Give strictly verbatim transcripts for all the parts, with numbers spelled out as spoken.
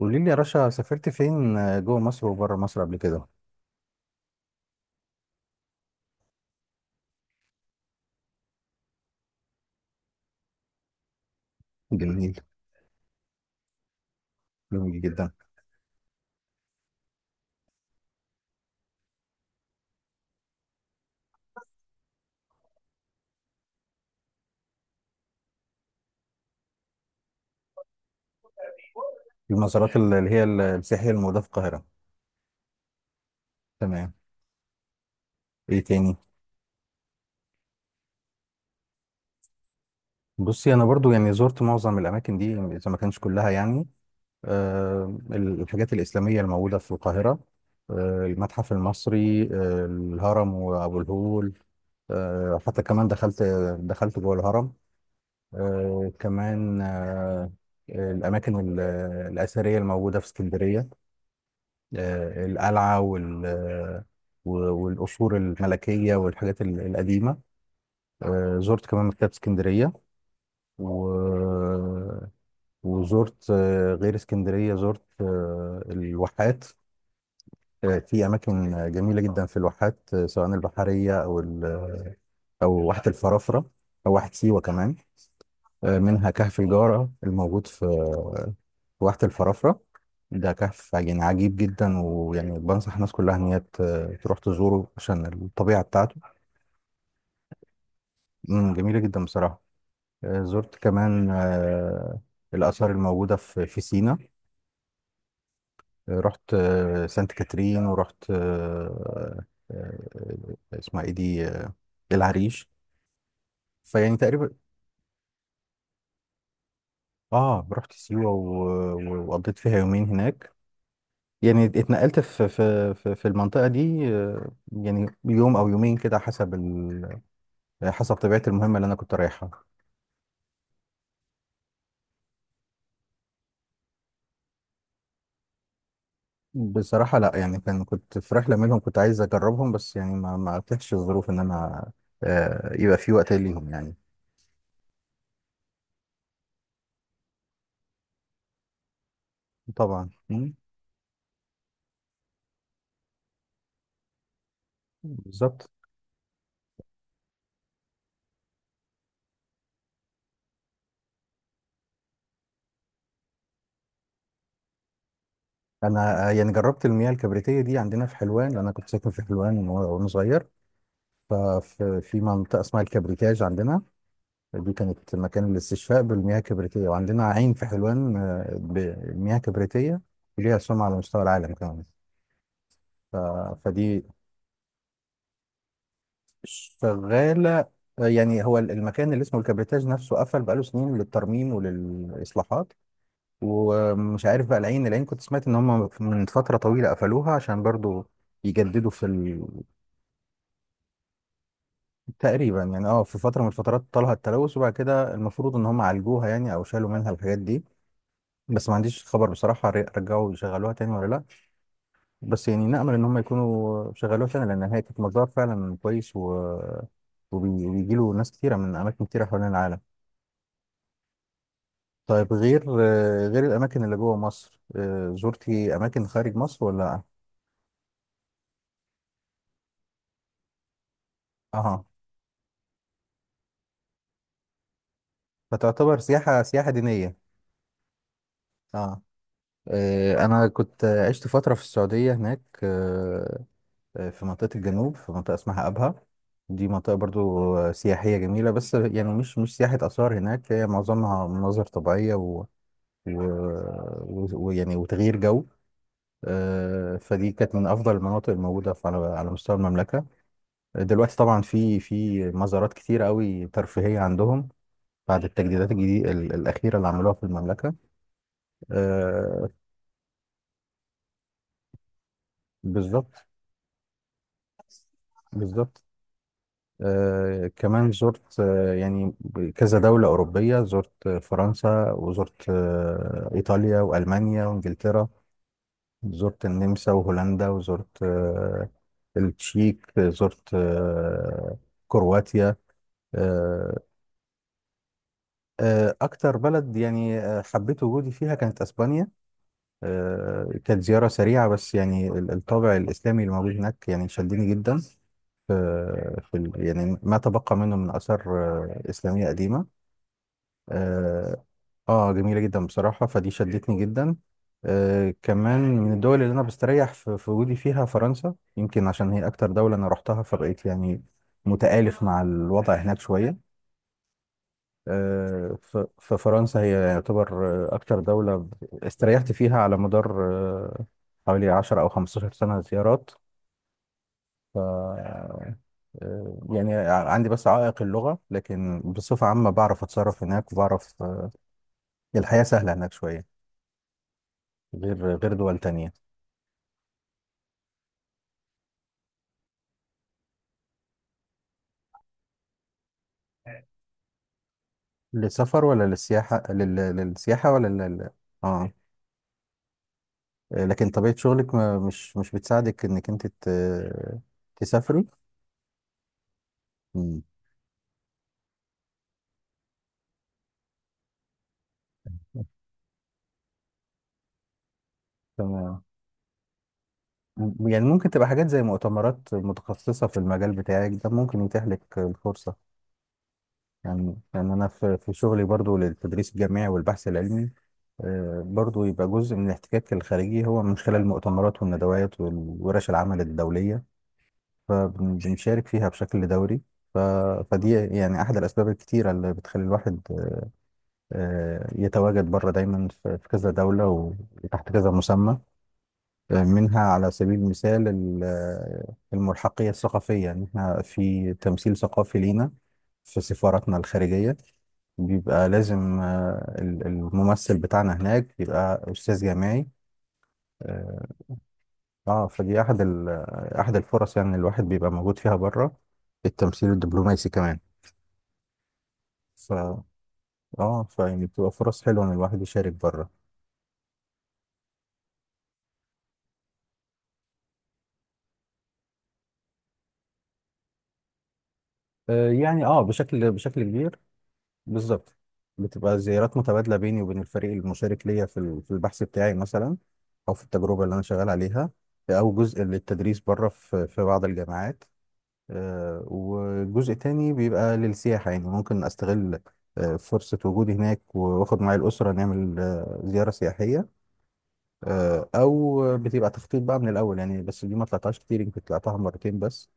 قولي لي يا رشا، سافرت فين؟ جوه مصر وبره مصر قبل كده؟ جميل، جميل جدا. المزارات ال- اللي هي ال- السياحية الموجودة في القاهرة. تمام. ايه تاني؟ بصي، انا برضو يعني زرت معظم الاماكن دي اذا ما كانش كلها يعني. آه، الحاجات الاسلامية الموجودة في القاهرة، آه، المتحف المصري، آه، الهرم وابو الهول. آه، حتى كمان دخلت دخلت جوه الهرم. آه، كمان آه، الاماكن ال- الاثرية الموجودة في اسكندرية، آه، القلعة وال آه، و- والقصور الملكية والحاجات ال- القديمة. آه، زرت كمان مكتبة اسكندرية و... وزرت آه، غير اسكندرية زرت آه، الواحات. آه، في أماكن آه، جميلة جدا في الواحات، آه، سواء البحرية أو ال... أو واحة الفرافرة أو واحة سيوة كمان. آه، منها كهف الجارة، الموجود في واحة الفرافرة. ده كهف يعني عجيب جدا، ويعني بنصح الناس كلها ان هي ت- تروح تزوره عشان الطبيعة بتاعته. مم، جميلة جدا بصراحة. آه، زرت كمان آه، الآثار الموجودة في في سينا. آه، رحت آه، سانت كاترين، ورحت آه، آه، آه، اسمها ايه دي آه، العريش. فيعني تقريبا. اه رحت سيوة و- و- وقضيت فيها يومين هناك. يعني اتنقلت في في في في المنطقة دي آه، يعني يوم او يومين كده، حسب حسب طبيعة المهمة اللي أنا كنت رايحها. بصراحة لأ، يعني كان كنت في رحلة منهم كنت عايز أجربهم، بس يعني ما ما أتيحش الظروف إن أنا آه، يبقى في وقت ليهم يعني. طبعا. مم. بالظبط. أنا آه، يعني جربت المياه الكبريتية دي عندنا في حلوان، لأن أنا كنت ساكن في حلوان وأنا وأنا صغير. ففي في منطقة اسمها الكبريتاج عندنا. دي كانت مكان الاستشفاء بالمياه الكبريتية، وعندنا عين في حلوان آه، بمياه كبريتية ليها سمعة على مستوى العالم كمان. ف- فدي شغالة. آه، يعني هو المكان اللي اسمه الكبريتاج نفسه قفل بقاله سنين للترميم وللإصلاحات. ومش عارف بقى، العين، العين كنت سمعت إن هم من فترة طويلة قفلوها عشان برضو يجددوا في ال... تقريبا يعني. اه، في فترة من الفترات طالها التلوث، وبعد كده المفروض إن هم عالجوها يعني، أو شالوا منها الحاجات دي. بس ما عنديش خبر بصراحة ر- رجعوا يشغلوها تاني ولا لأ. بس يعني نأمل إن هم يكونوا شغلوها تاني، لأن هي كانت مزار فعلا كويس، و... وبيجي له ناس كتيرة من أماكن كتيرة حوالين العالم. طيب، غير آه، غير الأماكن اللي جوه مصر، آه، زرتي أماكن خارج مصر ولا لأ؟ أها. فتعتبر سياحة سياحة دينية. أه. آه، أنا كنت آه، عشت فترة في السعودية هناك، آه، آه، في منطقة الجنوب، في منطقة اسمها أبها. دي منطقة برضو آه، سياحية جميلة، بس يعني مش مش سياحة آثار هناك، هي معظمها مناظر طبيعية و... و... و- ويعني وتغيير جو. آه، فدي كانت من أفضل المناطق الموجودة في- على على مستوى المملكة. دلوقتي طبعا في في مزارات كتير قوي ترفيهية عندهم، بعد التجديدات الجديدة الأخيرة اللي عملوها في المملكة. آه. بالظبط. بالظبط. آه، كمان زرت آه، يعني كذا دولة أوروبية. زرت آه، فرنسا، وزرت آه إيطاليا، وألمانيا، وإنجلترا. زرت النمسا، وهولندا، وزرت آه التشيك، زرت آه كرواتيا. آه. آه أكتر بلد يعني آه، حبيت وجودي فيها كانت أسبانيا. آه، كانت زيارة سريعة، بس يعني ال- الطابع الإسلامي اللي موجود هناك يعني شدني جدا. في, في ال- يعني ما تبقى منه من آثار آه، إسلامية قديمة. آه, آه جميلة جدا بصراحة، فدي شدتني جدا. آه، كمان من الدول اللي أنا بستريح في, في وجودي فيها فرنسا، يمكن عشان هي أكتر دولة أنا رحتها، فبقيت يعني متآلف مع الوضع هناك شوية. آه، ف- ففرنسا هي يعتبر آه، أكتر دولة ب- استريحت فيها على مدار آه، حوالي عشرة أو خمستاشر سنة زيارات. ف آه، يعني عندي بس عائق اللغة، لكن بصفة عامة بعرف أتصرف هناك، وبعرف آه، الحياة سهلة هناك شوية، غير غير دول تانية. للسفر ولا للسياحة؟ لل... للسياحة ولا لل... اه. لكن طبيعة شغلك ما مش مش بتساعدك إنك أنت ت... تسافري. مم. تمام. يعني ممكن تبقى حاجات زي مؤتمرات متخصصة في المجال بتاعك ده، ممكن يتيح لك الفرصة. يعني يعني أنا في في شغلي برضو للتدريس الجامعي والبحث العلمي، آه، برضو يبقى جزء من الاحتكاك الخارجي هو من خلال المؤتمرات والندوات والورش العمل الدولية، فبنشارك فيها بشكل دوري. ف- فدي يعني أحد الأسباب الكتيرة اللي بتخلي الواحد آه، يتواجد بره دايما في في كذا دولة، وتحت كذا مسمى. منها على سبيل المثال ال- الملحقية الثقافية، إن إحنا في تمثيل ثقافي لينا في سفاراتنا الخارجية، بيبقى لازم آه، ال- الممثل بتاعنا هناك يبقى أستاذ جامعي. اه. آه، فدي أحد ال- أحد الفرص يعني الواحد بيبقى موجود فيها بره، التمثيل الدبلوماسي كمان. ف اه فيعني بتبقى فرص حلوة إن الواحد يشارك بره. آه، يعني اه بشكل بشكل كبير. بالظبط. بتبقى زيارات متبادلة بيني وبين الفريق المشارك ليا في ال- في البحث بتاعي مثلا، أو في التجربة اللي أنا شغال عليها، أو جزء للتدريس بره في في بعض الجامعات. آه، وجزء تاني بيبقى للسياحة، يعني ممكن أستغل آه، فرصة وجودي هناك، وآخد معايا الأسرة نعمل آه، زيارة سياحية. آه، أو بتبقى تخطيط بقى من الأول، يعني بس دي ما طلعتهاش كتير، يمكن طلعتها مرتين بس،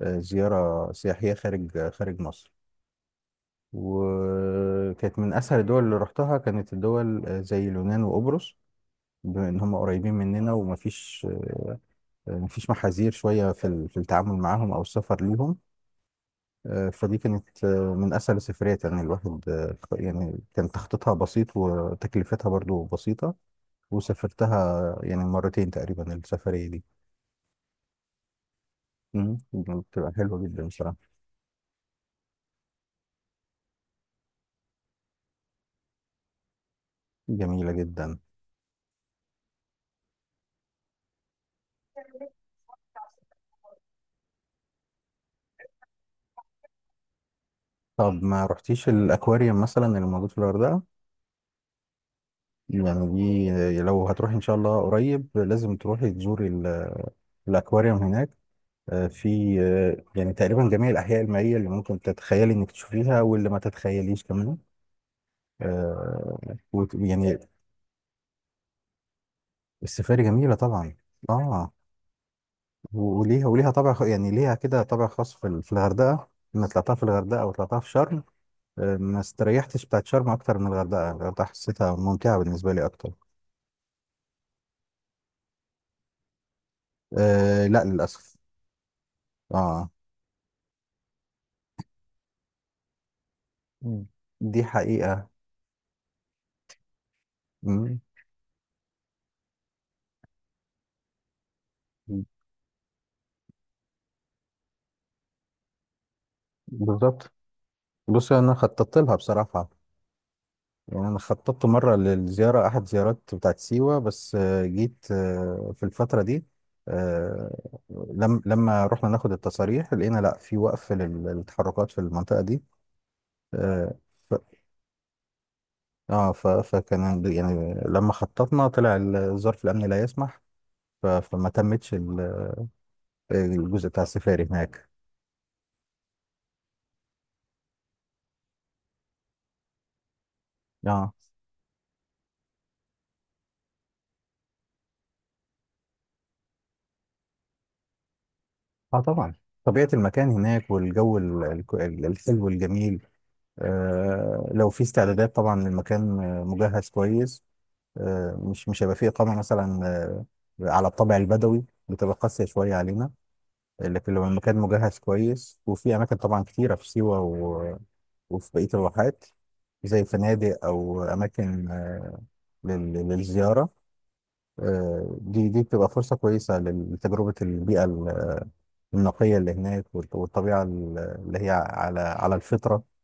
آه، زيارة سياحية خارج خارج مصر. وكانت من اسهل الدول اللي رحتها كانت الدول آه، زي اليونان وقبرص، بما ان هم قريبين مننا، ومفيش آه، مفيش محاذير شويه في ال- في التعامل معاهم او السفر ليهم. آه، فدي كانت آه، من اسهل السفريات، يعني الواحد آه، يعني كان تخطيطها بسيط، وتكلفتها برضو بسيطه. وسافرتها يعني مرتين تقريبا السفريه دي. مم. بتبقى حلوه جدا بصراحه. جميله جدا. طب ما رحتيش الاكواريوم مثلا اللي موجود في الغردقه؟ يعني دي لو هتروحي ان شاء الله قريب لازم تروحي تزوري ال- الاكواريوم هناك. آه، في آه، يعني تقريبا جميع الاحياء المائيه اللي ممكن تتخيلي انك تشوفيها، واللي ما تتخيليش كمان، آه، وت- يعني. السفاري جميله طبعا. اه و- وليها وليها طابع خ- يعني ليها كده طابع خاص في ال- في الغردقه. لما طلعتها في الغردقه وطلعتها في شرم، آه، ما استريحتش بتاعت شرم اكتر من الغردقه، الغردقه حسيتها ممتعه بالنسبه لي اكتر. آه لا للاسف. اه. مم. دي حقيقة. مم. بالظبط. بص انا خططت لها بصراحه. يعني انا خططت مره للزياره، احد زيارات بتاعت سيوه، بس آه، جيت آه، في الفتره دي، آه، لم لما رحنا ناخد التصاريح لقينا لا، في وقف لل- للتحركات في المنطقه دي. آه، ف... اه ف... فكان يعني لما خططنا طلع ال- ظرف الامن لا يسمح. ف... فما تمتش ال- الجزء بتاع السفاري هناك. اه. اه طبعا. طبيعه المكان هناك والجو ال- ال- الحلو الجميل. آه، لو في استعدادات طبعا، المكان آه، مجهز كويس. آه، مش مش هيبقى فيه إقامة مثلا آه، على الطابع البدوي، بتبقى قاسية شوية علينا. لكن لو المكان مجهز كويس، وفي أماكن طبعا كتيرة في سيوة، و- وفي بقية الواحات، زي فنادق أو أماكن آه، لل- للزيارة. آه، دي دي بتبقى فرصة كويسة لتجربة البيئة ال- النقية اللي هناك، والط- والطبيعة ال- اللي هي على على الفطرة.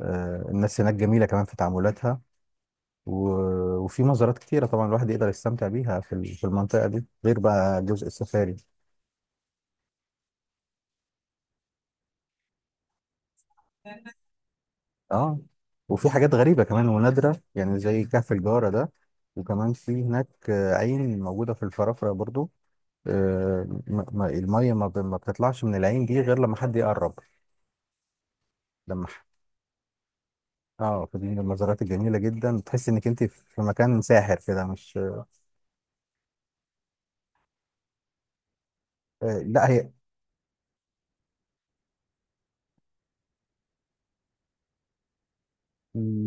آه، الناس هناك جميلة كمان في تعاملاتها، و- وفي مزارات كتيرة طبعا الواحد يقدر يستمتع بيها في ال- في المنطقة دي، غير بقى جزء السفاري. اه. وفي حاجات غريبة كمان ونادرة، يعني زي كهف الجارة ده. وكمان في هناك آه، عين موجودة في الفرافرة برضو. آه، م- م- المية ما ب- ما بتطلعش من العين دي غير لما حد يقرب. لما ح- اه، فدي من المزارات الجميلة جدا، تحس انك انت في مكان ساحر كده، مش. آه، لا هي.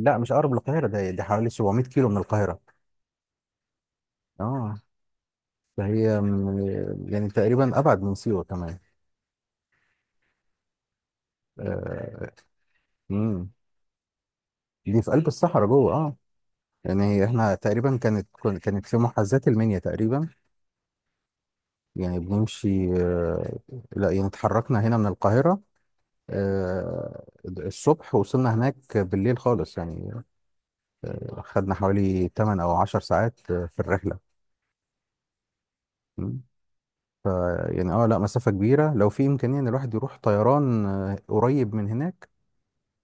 لا، مش اقرب للقاهرة، ده دي حوالي سبعمية كيلو من القاهرة. اه. ده هي من- يعني تقريبا ابعد من سيوه كمان. آه، امم. دي في قلب الصحراء جوه، اه. يعني هي احنا تقريبا كانت كن- كانت في محاذاه المنيا تقريبا. يعني بنمشي آه، لا، يعني اتحركنا هنا من القاهره آه، الصبح، وصلنا هناك بالليل خالص يعني. آه، خدنا حوالي تمنية او عشرة ساعات آه، في الرحله. مم. ف يعني اه لا، مسافه كبيره، لو في امكانيه ان الواحد يروح طيران آه، قريب من هناك،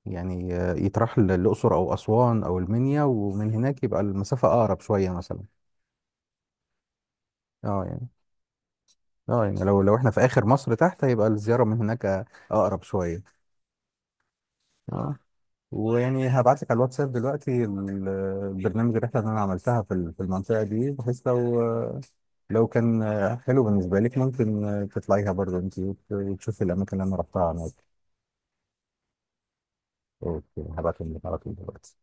يعني آه، يتراح ل- للأقصر أو أسوان أو المنيا، ومن هناك يبقى المسافة أقرب شوية مثلا. اه يعني، اه يعني، لو لو احنا في آخر مصر تحت، يبقى الزيارة من هناك آه، أقرب شوية. اه. ويعني هبعت لك على الواتساب دلوقتي ال- البرنامج الرحلة اللي أنا عملتها في ال- في المنطقة دي، بحيث لو لو كان حلو بالنسبة لك ممكن تطلعيها برضه أنت، وت- وتشوفي الأماكن اللي أنا رحتها هناك. أوكي. هبعتهم لك على طول دلوقتي.